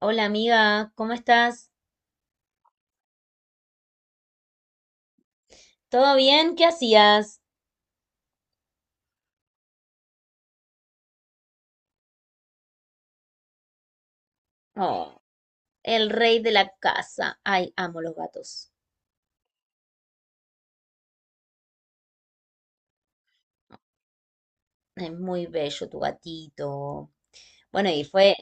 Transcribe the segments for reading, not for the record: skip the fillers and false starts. Hola amiga, ¿cómo estás? ¿Todo bien? ¿Qué hacías? Oh, el rey de la casa. Ay, amo los gatos. Es muy bello tu gatito. Bueno, y fue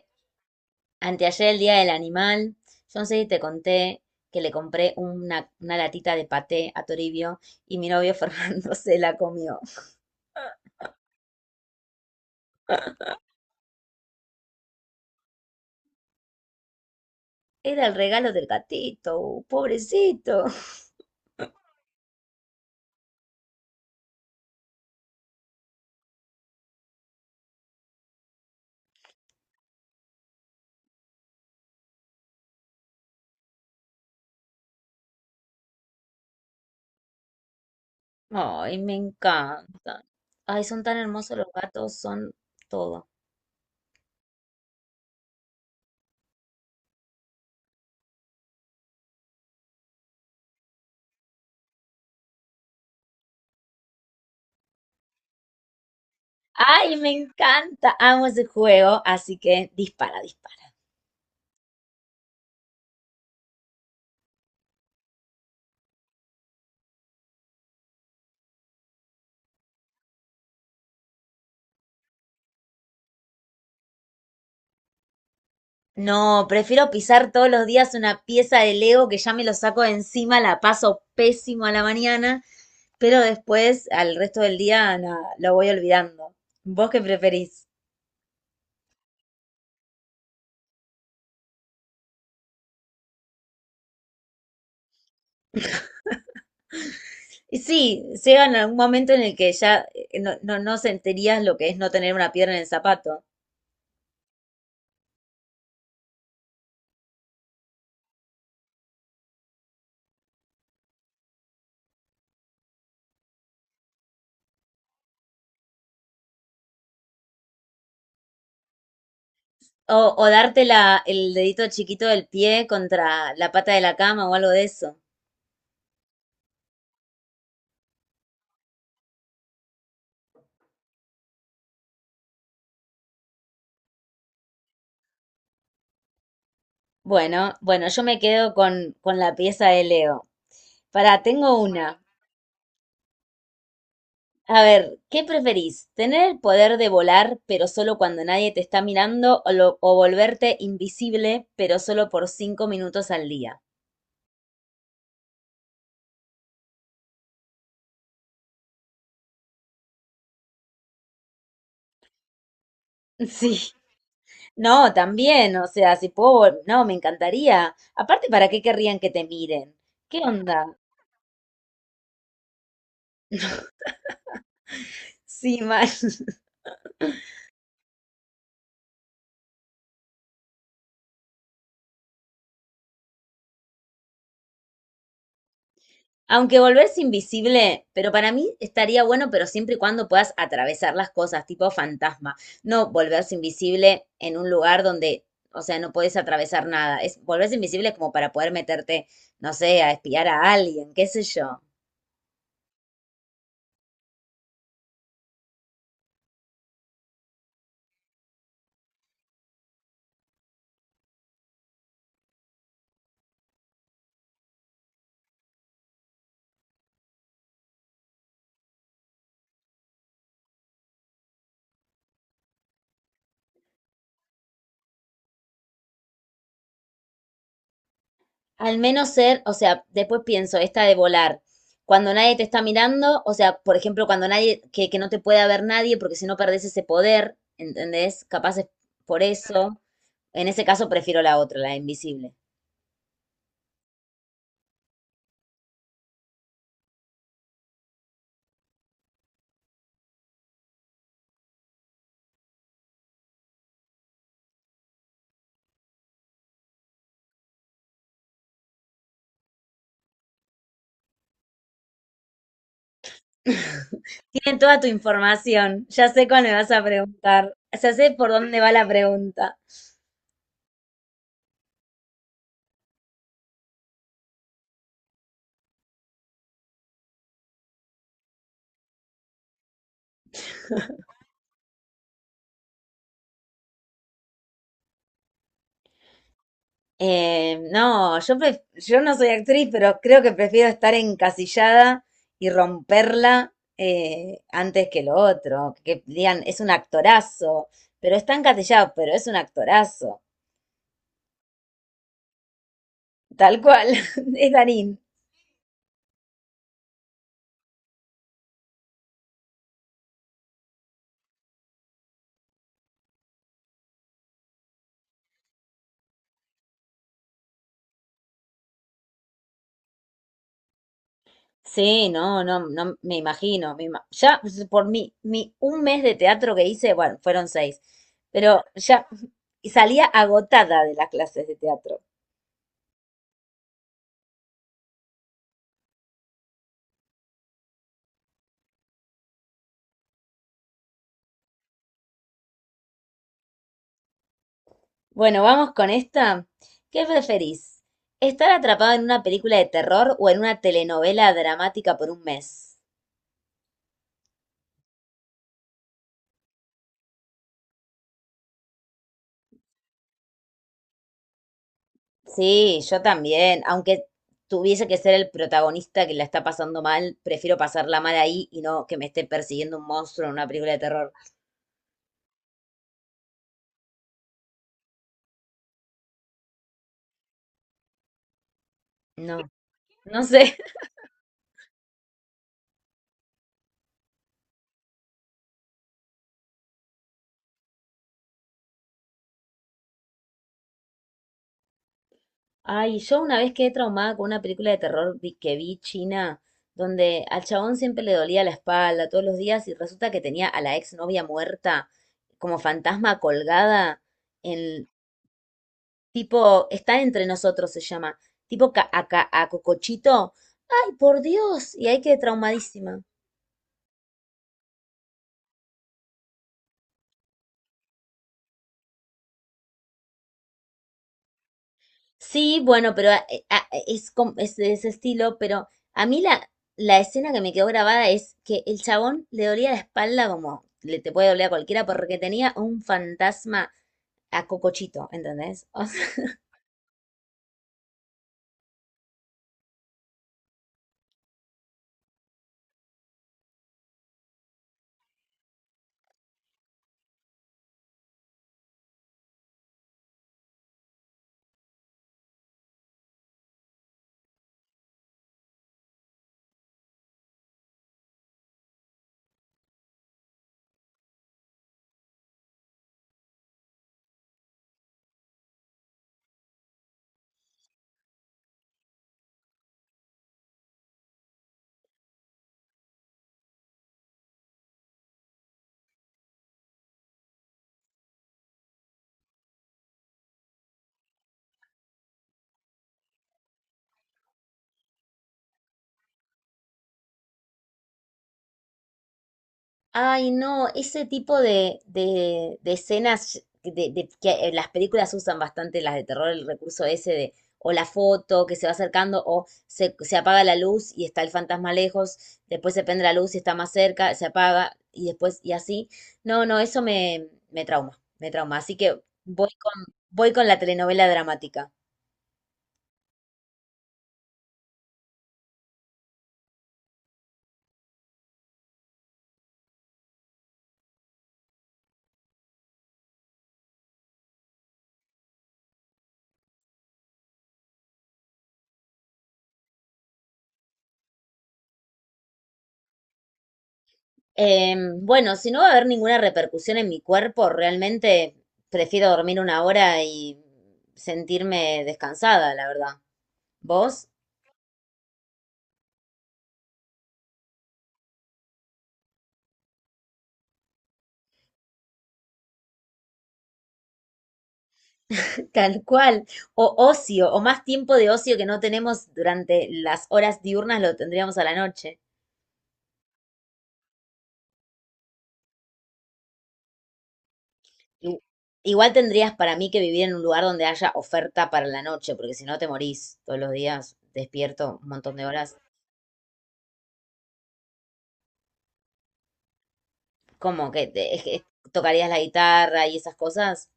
anteayer el Día del Animal. Yo no sé si te conté que le compré una latita de paté a Toribio y mi novio Fernando se la comió. Era el regalo del gatito, pobrecito. Ay, me encanta. Ay, son tan hermosos los gatos, son todo. Ay, me encanta. Amo ese juego, así que dispara, dispara. No, prefiero pisar todos los días una pieza de Lego que ya me lo saco de encima, la paso pésimo a la mañana, pero después, al resto del día, nada, lo voy olvidando. ¿Vos qué preferís? Y sí, llega en algún momento en el que ya no, no, no sentirías lo que es no tener una piedra en el zapato. O darte la, el dedito chiquito del pie contra la pata de la cama o algo de eso. Bueno, bueno, yo me quedo con la pieza de Leo. Pará, tengo una. A ver, ¿qué preferís? ¿Tener el poder de volar, pero solo cuando nadie te está mirando, o, o volverte invisible, pero solo por 5 minutos al día? Sí, no, también, o sea, si puedo, no, me encantaría. Aparte, ¿para qué querrían que te miren? ¿Qué onda? Sí, mal. Aunque volverse invisible, pero para mí estaría bueno, pero siempre y cuando puedas atravesar las cosas, tipo fantasma. No volverse invisible en un lugar donde, o sea, no puedes atravesar nada. Es volverse invisible como para poder meterte, no sé, a espiar a alguien, qué sé yo. Al menos ser, o sea, después pienso, esta de volar. Cuando nadie te está mirando, o sea, por ejemplo, cuando nadie, que no te pueda ver nadie, porque si no perdés ese poder, ¿entendés? Capaz es por eso. En ese caso prefiero la otra, la invisible. Tiene toda tu información. Ya sé cuál me vas a preguntar. Ya sé por dónde va la pregunta. No, yo, yo no soy actriz, pero creo que prefiero estar encasillada y romperla antes que lo otro. Que digan, es un actorazo, pero está encasillado, pero es un actorazo. Tal cual, es Darín. Sí, no, no, no me imagino. Ya pues, por mi un mes de teatro que hice, bueno, fueron seis, pero ya y salía agotada de las clases de teatro. Bueno, vamos con esta. ¿Qué preferís? ¿Estar atrapado en una película de terror o en una telenovela dramática por un mes? Sí, yo también. Aunque tuviese que ser el protagonista que la está pasando mal, prefiero pasarla mal ahí y no que me esté persiguiendo un monstruo en una película de terror. No, no sé. Ay, yo una vez quedé traumada con una película de terror que vi china, donde al chabón siempre le dolía la espalda todos los días y resulta que tenía a la exnovia muerta como fantasma colgada en tipo, está entre nosotros se llama, tipo Cocochito. Ay, por Dios, y ahí quedé traumadísima. Sí, bueno, pero es, es de ese estilo, pero a mí la escena que me quedó grabada es que el chabón le dolía la espalda como le te puede doler a cualquiera porque tenía un fantasma a Cocochito, ¿entendés? Ay, no, ese tipo de escenas que las películas usan bastante las de terror, el recurso ese de o la foto que se va acercando o se apaga la luz y está el fantasma lejos, después se prende la luz y está más cerca, se apaga y después y así. No, no, eso me trauma, me trauma. Así que voy con, voy con la telenovela dramática. Eh, bueno, si no va a haber ninguna repercusión en mi cuerpo, realmente prefiero dormir una hora y sentirme descansada, la verdad. ¿Vos? Tal cual. O ocio, o más tiempo de ocio que no tenemos durante las horas diurnas lo tendríamos a la noche. I- Igual tendrías para mí que vivir en un lugar donde haya oferta para la noche, porque si no te morís todos los días, despierto un montón de horas. ¿Cómo que es que tocarías la guitarra y esas cosas?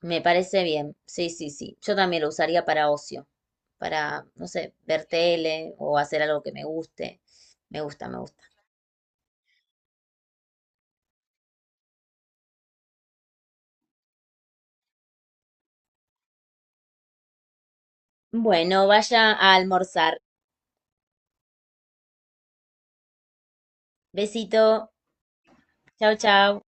Me parece bien, sí, sí, sí. Yo también lo usaría para ocio, para, no sé, ver tele o hacer algo que me guste. Me gusta, me gusta. Bueno, vaya a almorzar. Besito. Chao, chao.